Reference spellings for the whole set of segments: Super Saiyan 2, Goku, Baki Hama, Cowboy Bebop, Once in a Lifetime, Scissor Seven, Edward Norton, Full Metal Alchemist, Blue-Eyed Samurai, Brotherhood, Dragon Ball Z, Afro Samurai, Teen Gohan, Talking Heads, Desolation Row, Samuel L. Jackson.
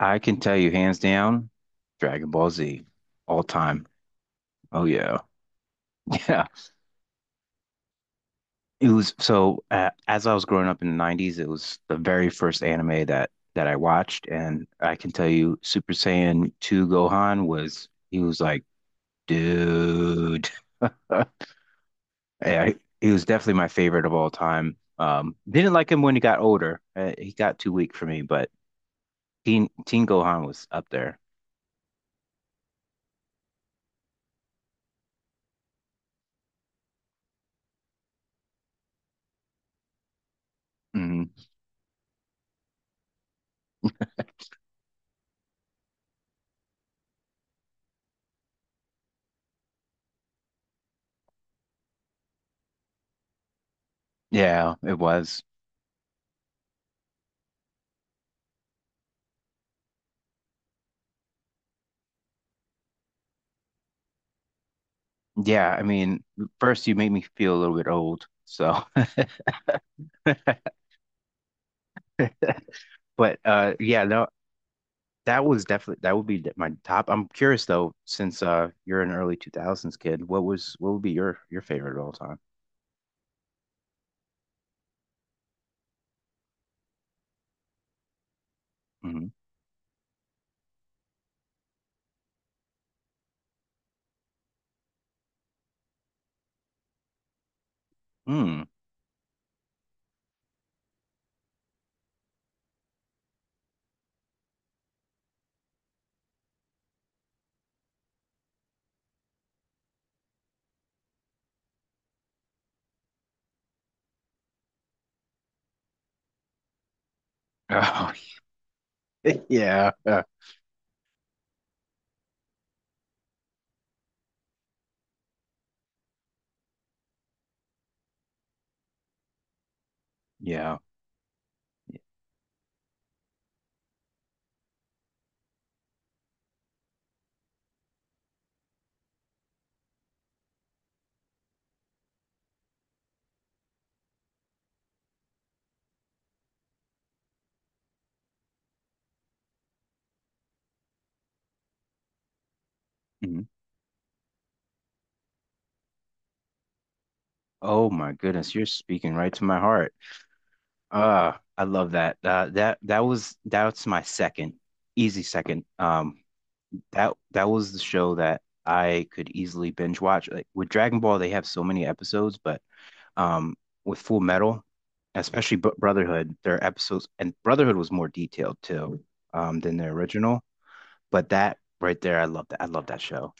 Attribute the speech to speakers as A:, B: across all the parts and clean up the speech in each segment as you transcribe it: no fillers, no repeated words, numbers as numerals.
A: I can tell you hands down, Dragon Ball Z, all time. Oh yeah. Yeah. It was so as I was growing up in the 90s, it was the very first anime that I watched and I can tell you Super Saiyan 2 Gohan was he was like, dude. Yeah, he was definitely my favorite of all time. Didn't like him when he got older. He got too weak for me, but Teen Gohan was up there. Hmm. Yeah, it was. Yeah, I mean, first you made me feel a little bit old, so but yeah, no, that was definitely, that would be my top. I'm curious though, since you're an early 2000s kid, what would be your favorite of all time? Mm-hmm. Hmm. Mm. Oh, yeah. Yeah. Mhm. Oh my goodness, you're speaking right to my heart. I love that. That that was that's my second, easy second. That was the show that I could easily binge watch. Like with Dragon Ball, they have so many episodes, but um, with Full Metal, especially Brotherhood, their episodes and Brotherhood was more detailed too, than their original. But that right there, I love that. I love that show.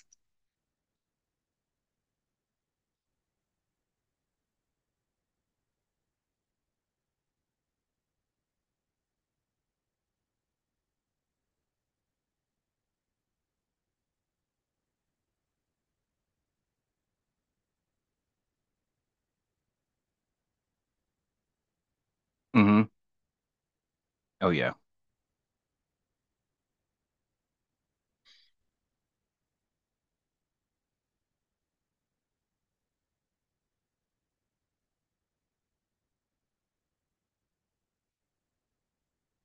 A: Hmm. Oh yeah.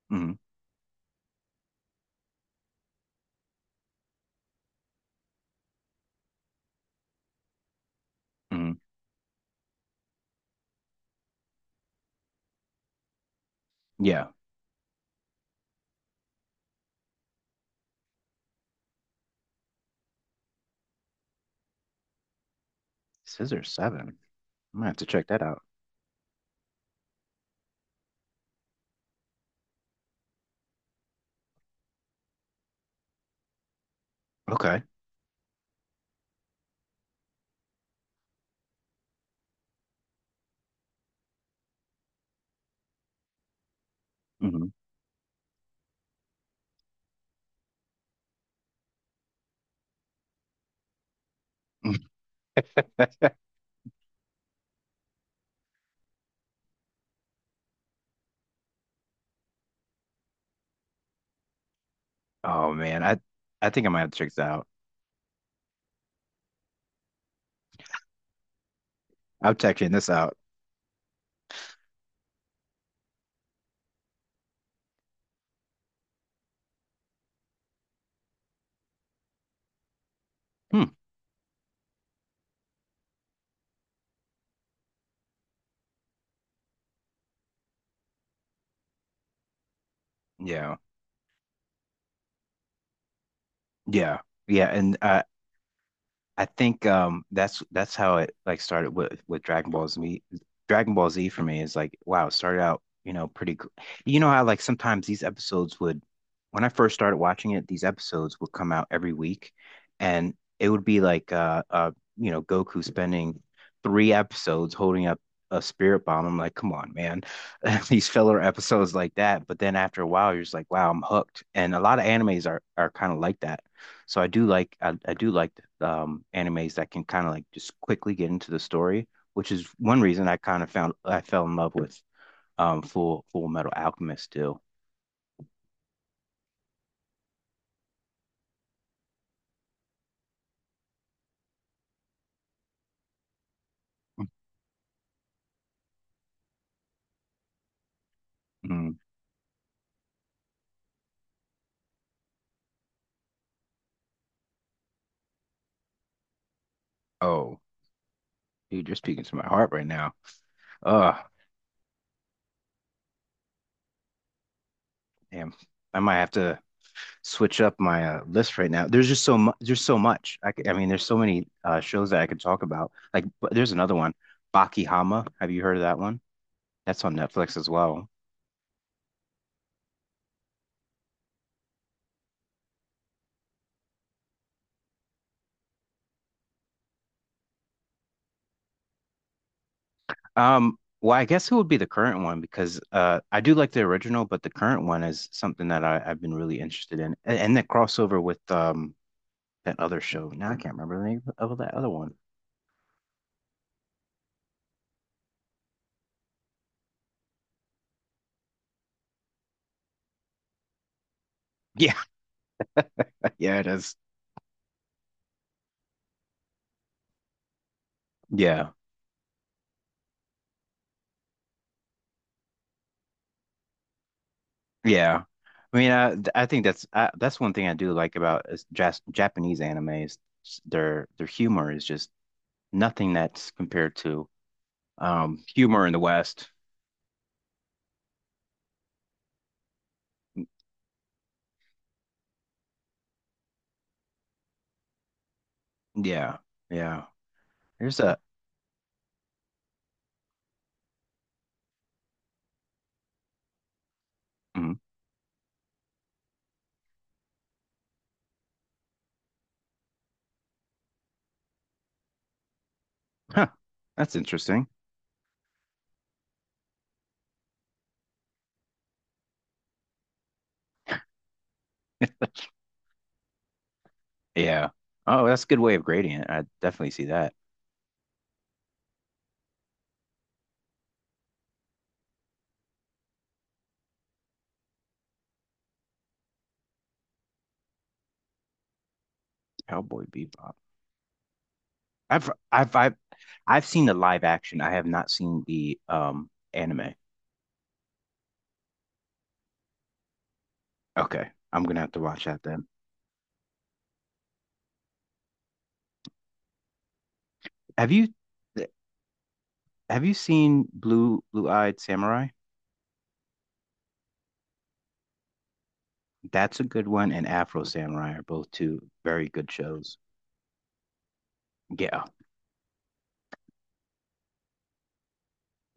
A: Hmm. Hmm. Yeah. Scissor Seven. I'm gonna have to check that out. Okay. Hmm. Oh man, I think I might have to check this out. I'm checking this out. Hmm. Yeah. Yeah. Yeah. And I think that's how it like started with Dragon Ball Z. Dragon Ball Z for me is like wow, it started out, you know, pretty. You know how like sometimes these episodes would when I first started watching it, these episodes would come out every week and it would be like Goku spending three episodes holding up a spirit bomb. I'm like, come on, man. These filler episodes like that. But then after a while, you're just like, wow, I'm hooked. And a lot of animes are kind of like that. So I do like animes that can kind of like just quickly get into the story, which is one reason I kind of found I fell in love with Full Metal Alchemist too. Mm. Oh, dude, you're speaking to my heart right now. Oh, damn. I might have to switch up my list right now. There's just so much. There's so much. I mean, there's so many shows that I could talk about. Like, but there's another one, Baki Hama. Have you heard of that one? That's on Netflix as well. Well, I guess it would be the current one because I do like the original, but the current one is something that I've been really interested in, and the crossover with that other show. Now I can't remember the name of that other one. Yeah, yeah, it is. Yeah, yeah. I mean, I think that's one thing I do like about is jas Japanese anime is their humor is just nothing that's compared to humor in the West. Yeah, yeah. There's a. Mm. Huh. That's interesting. Yeah. Oh, that's a good way of grading it. I definitely see that. Cowboy Bebop. I've I've I've I've seen the live action. I have not seen the anime. Okay. I'm gonna have to watch that then. Have you have you seen Blue Eyed Samurai? That's a good one, and Afro Samurai are both two very good shows. Yeah.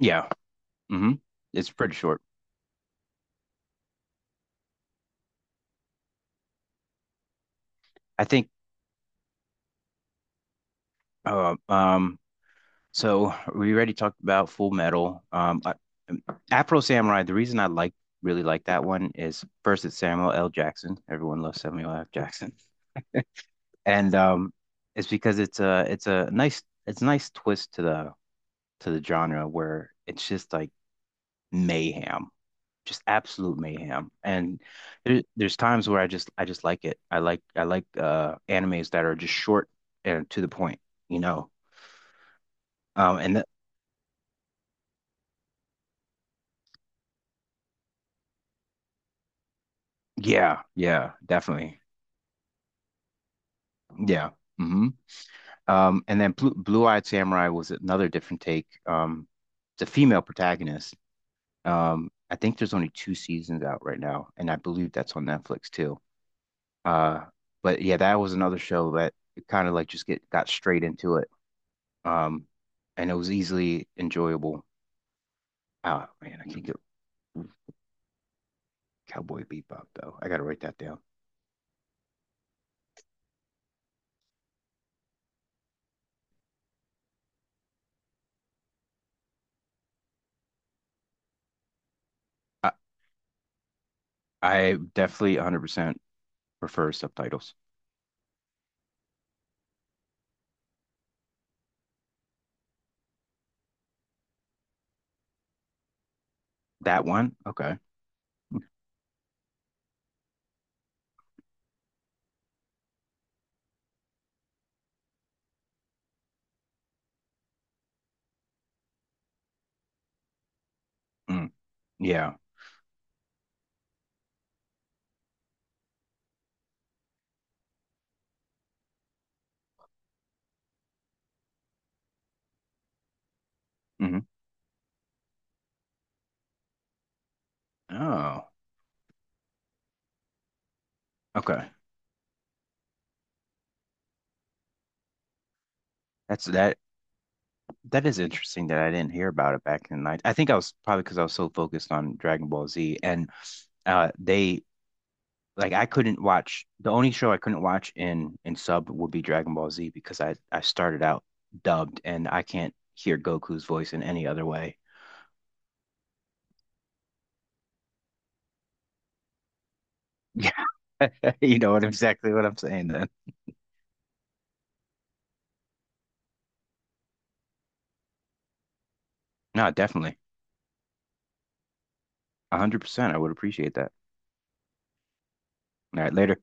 A: Yeah. Hmm. It's pretty short. I think uh, um so we already talked about Full Metal. Um, Afro Samurai. The reason I really like that one is first it's Samuel L. Jackson. Everyone loves Samuel L. Jackson, and it's because it's a nice twist to the genre where it's just like mayhem, just absolute mayhem. And there's times where I just like it. I like animes that are just short and to the point, you know. And yeah, yeah, definitely. Yeah. Hmm. And then Blue-Eyed Samurai was another different take. It's a female protagonist. I think there's only two seasons out right now, and I believe that's on Netflix too. Uh, but yeah, that was another show that kind of like just get got straight into it. Um, and it was easily enjoyable. Oh man, I can't get Cowboy Bebop though. I gotta write that down. I, I definitely 100% prefer subtitles. That one? Okay. Mm, yeah. Hmm. Oh, okay. That's that. That is interesting that I didn't hear about it back in the night. I think I was probably because I was so focused on Dragon Ball Z, and they like, I couldn't watch, the only show I couldn't watch in sub would be Dragon Ball Z because I started out dubbed and I can't hear Goku's voice in any other way. Yeah, you know what exactly what I'm saying then. No, definitely. 100%. I would appreciate that. All right, later.